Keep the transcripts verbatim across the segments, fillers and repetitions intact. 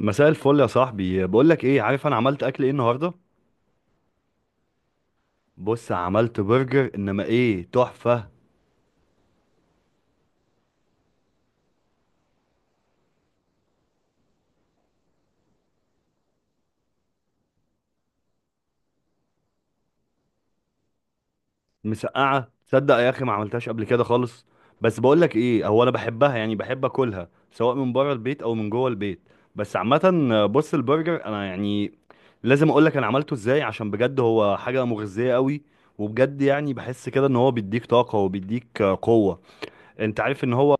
مساء الفل يا صاحبي، بقول لك ايه؟ عارف انا عملت اكل ايه النهارده؟ بص، عملت برجر انما ايه تحفه. مسقعه، تصدق يا اخي ما عملتهاش قبل كده خالص. بس بقول لك ايه، هو انا بحبها يعني، بحب اكلها سواء من بره البيت او من جوه البيت. بس عامه بص، البرجر انا يعني لازم اقول لك انا عملته ازاي، عشان بجد هو حاجه مغذيه قوي. وبجد يعني بحس كده ان هو بيديك طاقه وبيديك قوه. انت عارف ان هو،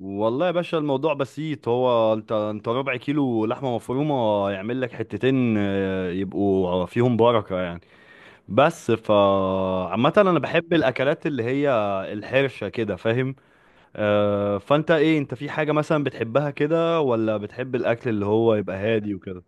والله يا باشا الموضوع بسيط. هو انت انت ربع كيلو لحمه مفرومه يعمل لك حتتين، آه، يبقوا فيهم بركه يعني. بس ف عامه انا بحب الاكلات اللي هي الحرشه كده، فاهم؟ آه، فانت ايه؟ انت في حاجه مثلا بتحبها كده، ولا بتحب الاكل اللي هو يبقى هادي وكده؟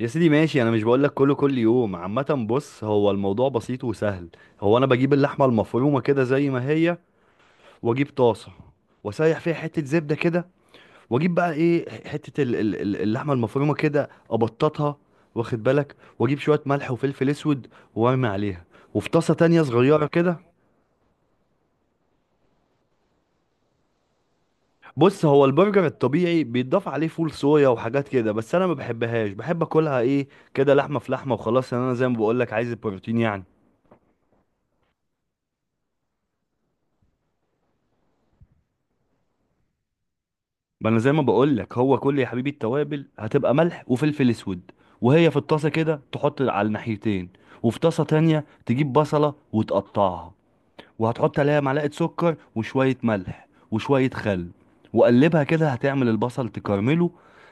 يا سيدي ماشي، انا مش بقول لك كله كل يوم. عامه بص، هو الموضوع بسيط وسهل. هو انا بجيب اللحمه المفرومه كده زي ما هي، واجيب طاسه، واسيح فيها حته زبده كده، واجيب بقى ايه ح- حته ال- ال- ال- اللحمه المفرومه كده ابططها. واخد بالك، واجيب شويه ملح وفلفل اسود وارمي عليها. وفي طاسه تانية صغيره كده. بص، هو البرجر الطبيعي بيتضاف عليه فول صويا وحاجات كده، بس انا ما بحبهاش، بحب اكلها ايه، كده لحمه في لحمه وخلاص، لأن انا زي ما بقول لك عايز البروتين يعني. ما انا زي ما بقول لك، هو كل يا حبيبي التوابل هتبقى ملح وفلفل اسود. وهي في الطاسه كده تحط على الناحيتين. وفي طاسه تانية تجيب بصله وتقطعها، وهتحط عليها معلقة سكر وشوية ملح وشوية خل. وقلبها كده هتعمل البصل تكرمله.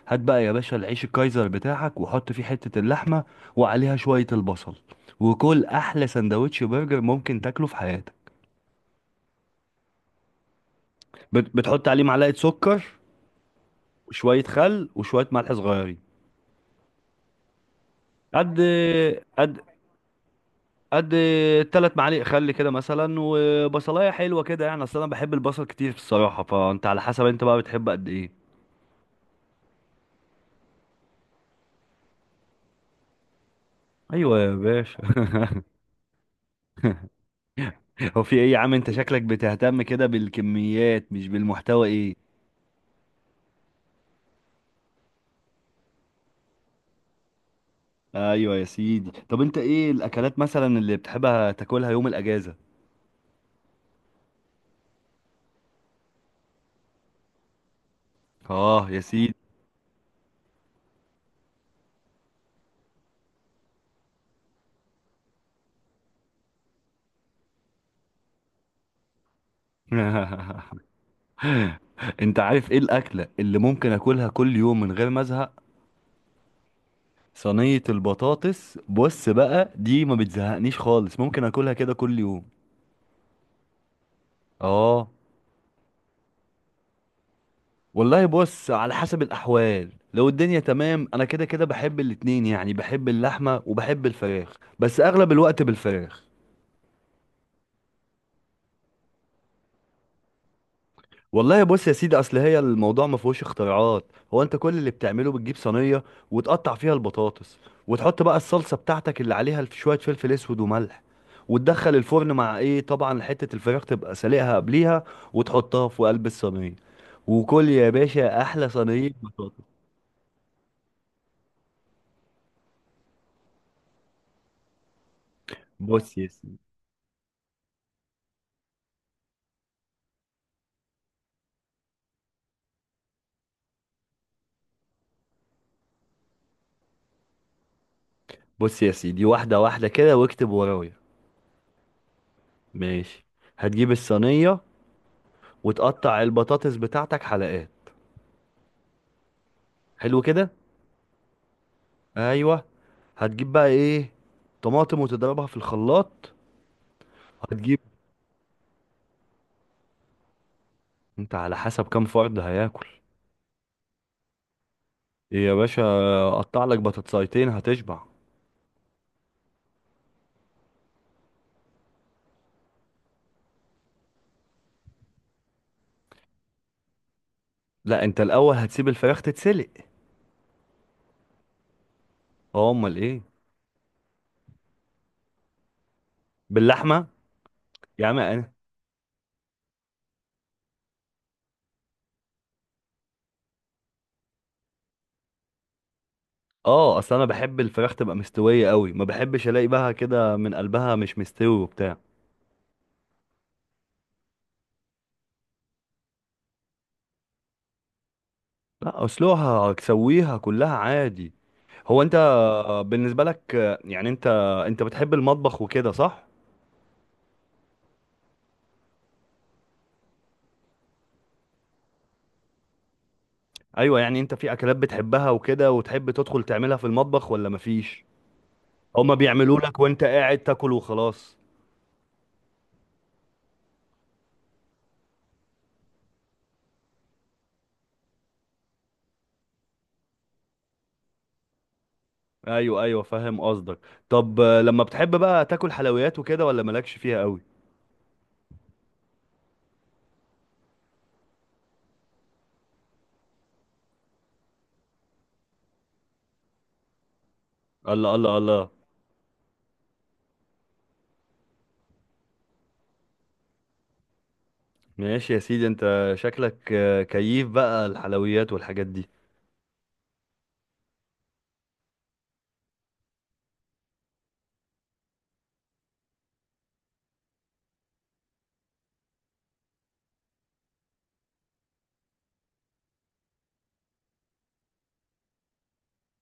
هات بقى يا باشا العيش الكايزر بتاعك، وحط فيه حتة اللحمة، وعليها شوية البصل. وكل أحلى سندوتش برجر ممكن تاكله في حياتك. بت- بتحط عليه معلقة سكر وشوية خل وشوية ملح صغيرين. قد قد قد تلات معالق خل كده مثلا، وبصلايه حلوه كده، يعني اصل انا بحب البصل كتير الصراحه، فانت على حسب، انت بقى بتحب قد ايه؟ ايوه يا باشا، هو في ايه يا عم؟ انت شكلك بتهتم كده بالكميات مش بالمحتوى، ايه؟ ايوه يا سيدي. طب انت ايه الاكلات مثلا اللي بتحبها تاكلها يوم الاجازة؟ اه يا سيدي. انت عارف ايه الاكلة اللي ممكن اكلها كل يوم من غير ما ازهق؟ صينية البطاطس. بص بقى، دي ما بتزهقنيش خالص، ممكن اكلها كده كل يوم. اه. والله بص، على حسب الاحوال، لو الدنيا تمام انا كده كده بحب الاتنين، يعني بحب اللحمة وبحب الفراخ، بس اغلب الوقت بالفراخ. والله بص يا سيدي، اصل هي الموضوع ما فيهوش اختراعات. هو انت كل اللي بتعمله بتجيب صينيه، وتقطع فيها البطاطس، وتحط بقى الصلصه بتاعتك اللي عليها الف- شويه فلفل اسود وملح، وتدخل الفرن مع ايه طبعا، حته الفراخ تبقى سالقها قبليها، وتحطها في قلب الصينيه. وكل يا باشا احلى صينيه بطاطس. بص يا سيدي بص يا سيدي، واحده واحده كده واكتب ورايا. ماشي. هتجيب الصينيه وتقطع البطاطس بتاعتك حلقات. حلو كده. ايوه. هتجيب بقى ايه، طماطم وتضربها في الخلاط. هتجيب انت على حسب كام فرد هياكل. إيه يا باشا، قطع لك بطاطسايتين هتشبع. لا، انت الاول هتسيب الفراخ تتسلق. اه، امال ايه؟ باللحمه. يا عم انا، اه اصل انا بحب الفراخ تبقى مستويه قوي، ما بحبش الاقي بقى كده من قلبها مش مستوي وبتاع. لا، اسلوها تسويها كلها عادي. هو انت، بالنسبه لك يعني انت انت بتحب المطبخ وكده، صح؟ ايوه يعني انت في اكلات بتحبها وكده، وتحب تدخل تعملها في المطبخ ولا مفيش؟ هما بيعملوا لك وانت قاعد تاكل وخلاص. ايوه ايوه، فاهم قصدك. طب آه، لما بتحب بقى تاكل حلويات وكده ولا مالكش فيها قوي؟ الله الله الله. ماشي يا سيدي، انت شكلك آه، كيف بقى الحلويات والحاجات دي؟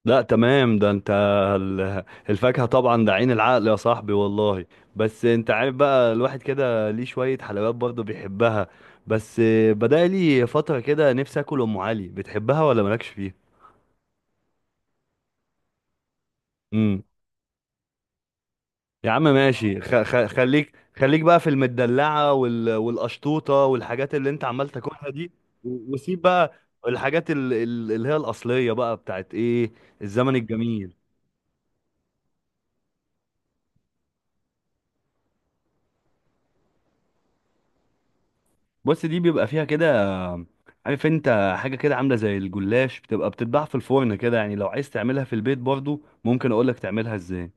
لا تمام، ده انت ال- الفاكهة طبعا ده عين العقل يا صاحبي والله. بس انت عارف بقى الواحد كده ليه شوية حلويات برضه بيحبها. بس بدأ لي فترة كده نفسي اكل ام علي، بتحبها ولا مالكش فيها؟ امم. يا عم ماشي، خ خ خليك خليك بقى في المدلعة وال والقشطوطة والحاجات اللي انت عمال تاكلها دي. و- وسيب بقى الحاجات ال- ال- اللي هي الأصلية بقى بتاعت ايه، الزمن الجميل. بص، دي بيبقى فيها كده، عارف انت حاجه كده عامله زي الجلاش، بتبقى بتتباع في الفرن كده، يعني لو عايز تعملها في البيت برضو ممكن اقولك تعملها ازاي.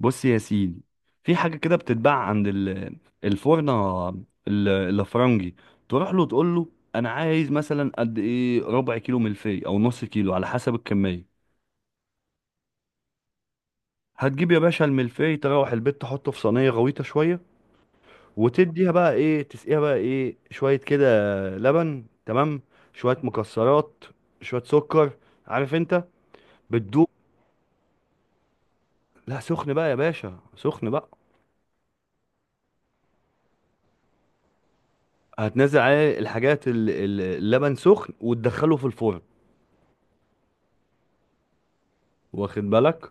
بص يا سيدي، في حاجه كده بتتباع عند ال- الفرنه ال- الافرنجي. تروح له تقول له انا عايز مثلا قد ايه، ربع كيلو ملفي او نص كيلو على حسب الكميه. هتجيب يا باشا الملفي، تروح البيت تحطه في صينيه غويطه شويه، وتديها بقى ايه، تسقيها بقى ايه شوية كده لبن، تمام، شوية مكسرات، شوية سكر. عارف انت، بتدوق. لا، سخن بقى يا باشا، سخن بقى. هتنزل عليه الحاجات ال- ال- اللبن سخن، وتدخله في الفرن. واخد بالك.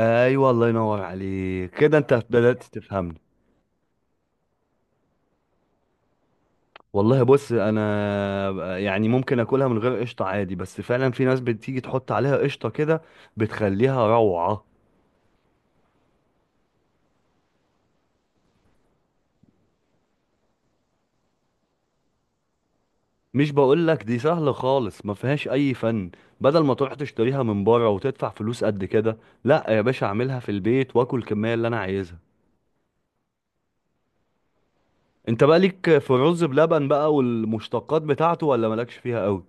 ايوه، الله ينور عليك، كده انت بدأت تفهمني. والله بص، انا يعني ممكن اكلها من غير قشطه عادي، بس فعلا في ناس بتيجي تحط عليها قشطه كده، بتخليها روعه. مش بقولك دي سهلة خالص ما فيهاش أي فن. بدل ما تروح تشتريها من بره وتدفع فلوس قد كده، لا يا باشا، أعملها في البيت وآكل الكمية اللي أنا عايزها. أنت بقى ليك في الرز بلبن بقى والمشتقات بتاعته ولا مالكش فيها أوي؟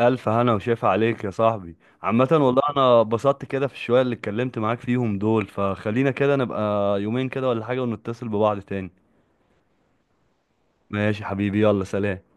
ألف هنا وشاف عليك يا صاحبي. عامة والله أنا اتبسطت كده في الشوية اللي اتكلمت معاك فيهم دول، فخلينا كده نبقى يومين كده ولا حاجة ونتصل ببعض تاني. ماشي حبيبي، يلا سلام.